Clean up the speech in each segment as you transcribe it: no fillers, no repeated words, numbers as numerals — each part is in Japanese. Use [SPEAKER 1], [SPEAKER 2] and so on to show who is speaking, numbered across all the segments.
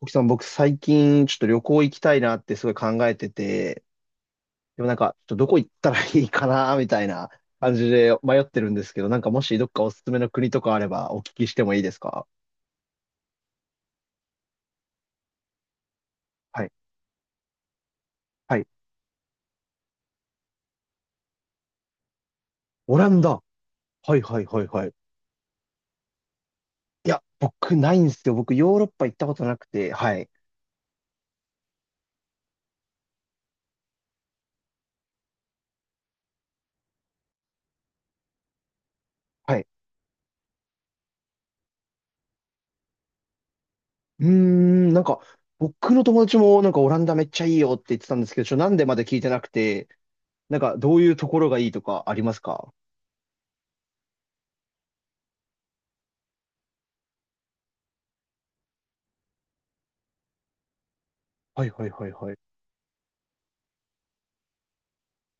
[SPEAKER 1] コキさん、僕最近ちょっと旅行行きたいなってすごい考えてて、でもなんか、ちょっとどこ行ったらいいかな、みたいな感じで迷ってるんですけど、なんかもしどっかおすすめの国とかあればお聞きしてもいいですか？はい。はい。オランダ。はいはいはいはい。いや、僕ないんですよ。僕ヨーロッパ行ったことなくて、はい。はい。うーん、なんか、僕の友達もなんかオランダめっちゃいいよって言ってたんですけど、なんでまで聞いてなくて、なんかどういうところがいいとかありますか？はいはいはいはい。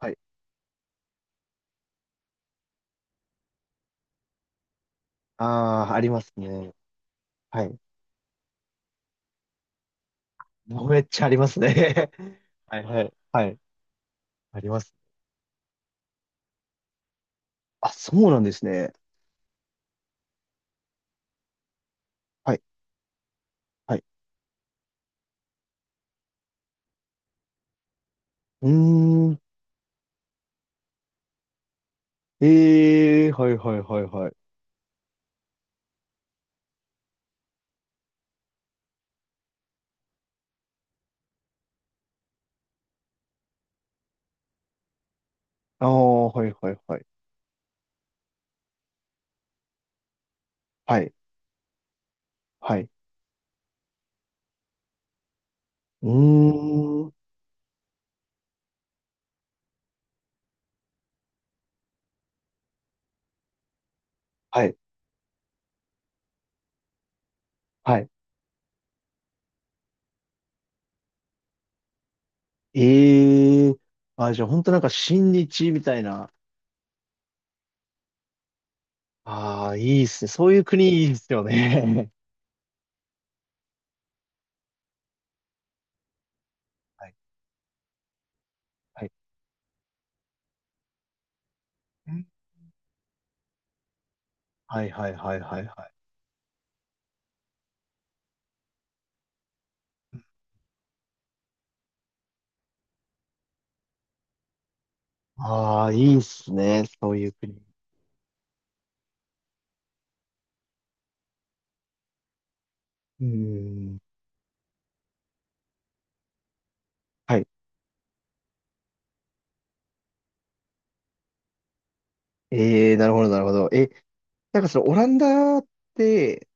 [SPEAKER 1] はい。ああ、ありますね。はい。めっちゃありますね。はい、はい、はい。あります。あ、そうなんですね。はい、はい。うーん。ええー、はい、はい、はい、はい。ああ、はい、はい、はい。はい、はい。うーん。はい、はい。ええー、あ、じゃあ、本当なんか、親日みたいな。ああ、いいっすね。そういう国いいっすよね。はい、はい。はい、はい、はい、はい、はい。ああ、いいっすね。そういう国。うーん。はい。ええ、なるほど、なるほど。え、なんかそのオランダって、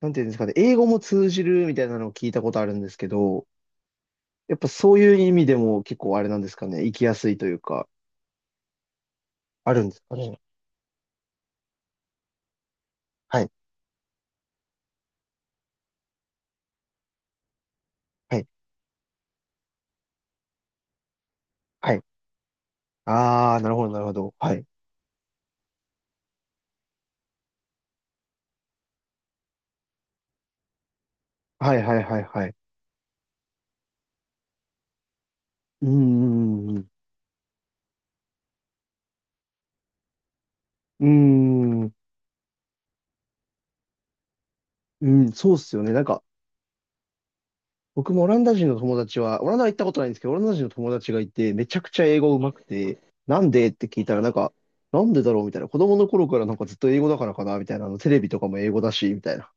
[SPEAKER 1] なんていうんですかね、英語も通じるみたいなのを聞いたことあるんですけど、やっぱそういう意味でも結構あれなんですかね、行きやすいというか、あるんですかね。はい、はい、はい。ああ、なるほど、なるほど。はい。はい、はい、はい、はい。うーん、うーん、うーん、うん、そうっすよね。なんか、僕もオランダ人の友達は、オランダは行ったことないんですけど、オランダ人の友達がいて、めちゃくちゃ英語上手くて、なんでって聞いたら、なんか、なんでだろうみたいな。子供の頃からなんかずっと英語だからかなみたいな。あの、テレビとかも英語だし、みたいな。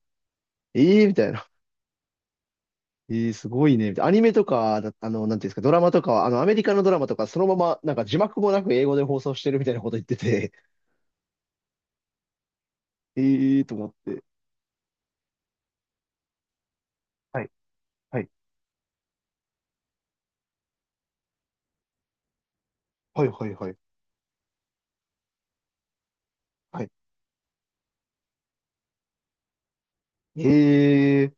[SPEAKER 1] ええー、みたいな。ええー、すごいね。みたいな。アニメとかだ、あの、なんていうんですか、ドラマとかは、あの、アメリカのドラマとか、そのまま、なんか字幕もなく英語で放送してるみたいなこと言ってて、ええー、と思って。はい、はい、はい、はい、はい。はい。ええー、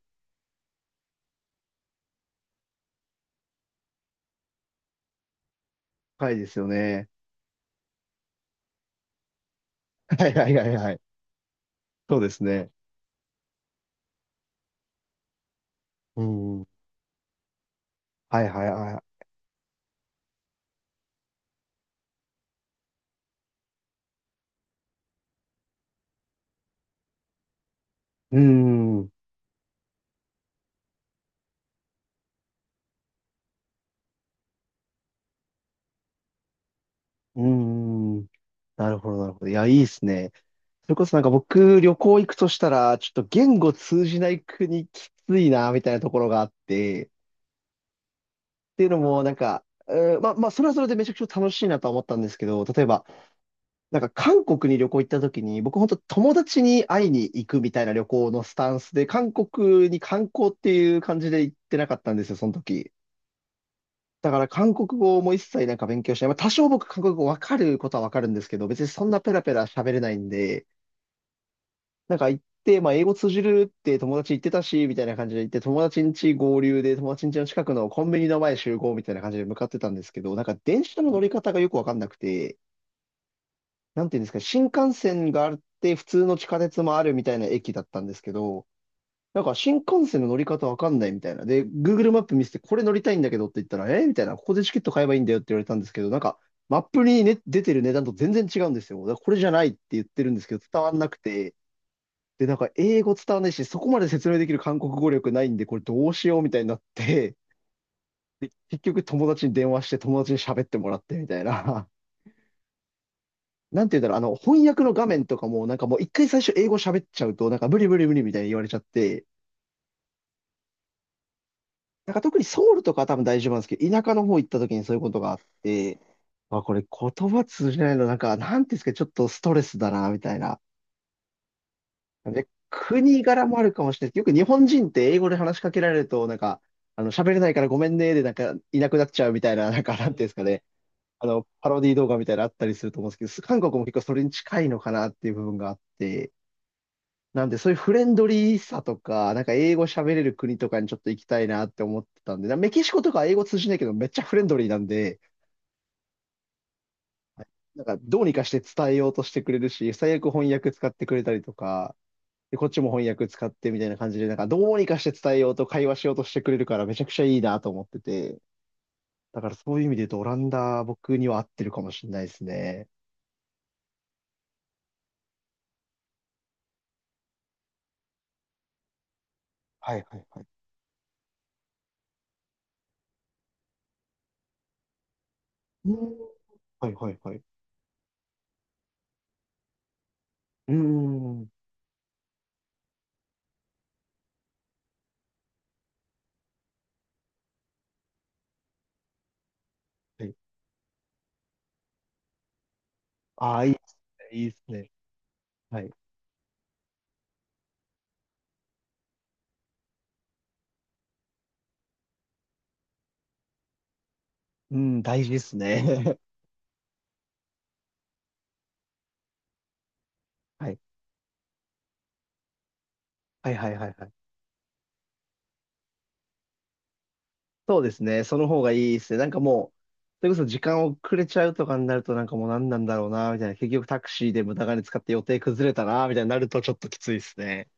[SPEAKER 1] 深いですよね。はい、はい、はい、はい。そうですね。うん。はいはいはい。うーん、うーん。なるほど、なるほど。いや、いいですね。それこそなんか僕、旅行行くとしたら、ちょっと言語通じない国きついな、みたいなところがあって、っていうのも、なんか、まあ、それはそれでめちゃくちゃ楽しいなとは思ったんですけど、例えば、なんか韓国に旅行行った時に、僕本当友達に会いに行くみたいな旅行のスタンスで、韓国に観光っていう感じで行ってなかったんですよ、その時。だから韓国語も一切なんか勉強しない。まあ、多少僕韓国語わかることはわかるんですけど、別にそんなペラペラ喋れないんで、なんか行って、まあ英語通じるって友達言ってたし、みたいな感じで行って、友達ん家合流で友達ん家の近くのコンビニの前集合みたいな感じで向かってたんですけど、なんか電車の乗り方がよくわかんなくて、なんていうんですか、新幹線があって普通の地下鉄もあるみたいな駅だったんですけど、なんか新幹線の乗り方わかんないみたいな。で、Google マップ見せて、これ乗りたいんだけどって言ったら、えーみたいな、ここでチケット買えばいいんだよって言われたんですけど、なんか、マップに、ね、出てる値段と全然違うんですよ。だからこれじゃないって言ってるんですけど、伝わんなくて。で、なんか、英語伝わんないし、そこまで説明できる韓国語力ないんで、これどうしようみたいになって、で、結局友達に電話して、友達に喋ってもらってみたいな。なんて言うんだろう、あの、翻訳の画面とかも、なんかもう一回最初英語喋っちゃうと、なんか無理無理無理みたいに言われちゃって、なんか特にソウルとかは多分大丈夫なんですけど、田舎の方行った時にそういうことがあって、あ、これ言葉通じないの、なんか、なんていうんですか、ちょっとストレスだな、みたいな。で、国柄もあるかもしれないです。よく日本人って英語で話しかけられると、なんか、あの、喋れないからごめんね、で、なんか、いなくなっちゃうみたいな、なんか、なんていうんですかね。あの、パロディ動画みたいなのあったりすると思うんですけど、韓国も結構それに近いのかなっていう部分があって、なんで、そういうフレンドリーさとか、なんか英語喋れる国とかにちょっと行きたいなって思ってたんで、メキシコとか英語通じないけどめっちゃフレンドリーなんで、なんかどうにかして伝えようとしてくれるし、最悪翻訳使ってくれたりとか、で、こっちも翻訳使ってみたいな感じで、なんかどうにかして伝えようと会話しようとしてくれるからめちゃくちゃいいなと思ってて、だからそういう意味で言うとオランダ僕には合ってるかもしれないですね。はいはいはい。うーん。はいはいはい。うーん。はい。ああ、いいですね。いいですね。はい。うん、大事ですね。はい。はいはいはいはい。そうですね。その方がいいですね。なんかもう、それこそ時間遅れちゃうとかになるとなんかもう何なんだろうな、みたいな。結局タクシーで無駄金使って予定崩れたな、みたいになるとちょっときついですね。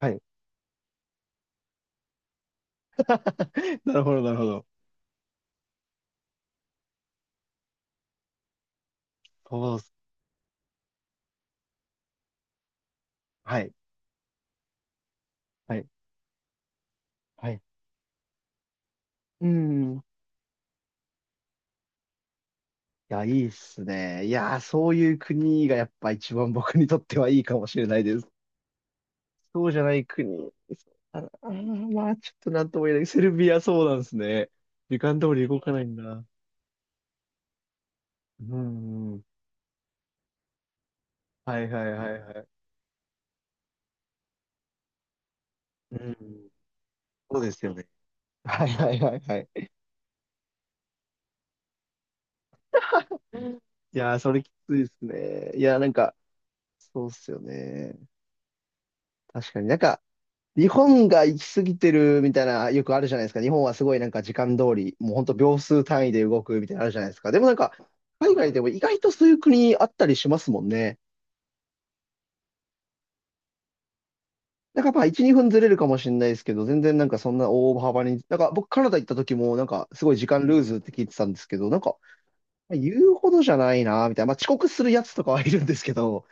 [SPEAKER 1] はい。なるほど、なるほど。そうっす。はい。はい。はい。うん。いや、いいっすね。いや、そういう国がやっぱ一番僕にとってはいいかもしれないです。そうじゃない国。あ、あー、まあ、ちょっとなんとも言えない。セルビアそうなんですね。時間通り動かないんだ。うん。はいはいはいはい。うん。そうですよね。はいはいはいはい。いやー、それきついですね。いやー、なんか、そうっすよね。確かになんか、日本が行き過ぎてるみたいな、よくあるじゃないですか。日本はすごいなんか時間通り、もうほんと秒数単位で動くみたいなのあるじゃないですか。でもなんか、海外でも意外とそういう国あったりしますもんね。なんかまあ1、2分ずれるかもしれないですけど、全然なんかそんな大幅に、なんか僕カナダ行った時もなんかすごい時間ルーズって聞いてたんですけど、なんか言うほどじゃないな、みたいな。まあ遅刻するやつとかはいるんですけど、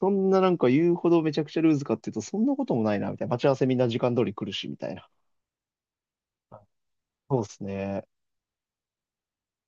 [SPEAKER 1] そんななんか言うほどめちゃくちゃルーズかっていうと、そんなこともないな、みたいな。待ち合わせみんな時間通り来るし、みたいな。そうですね。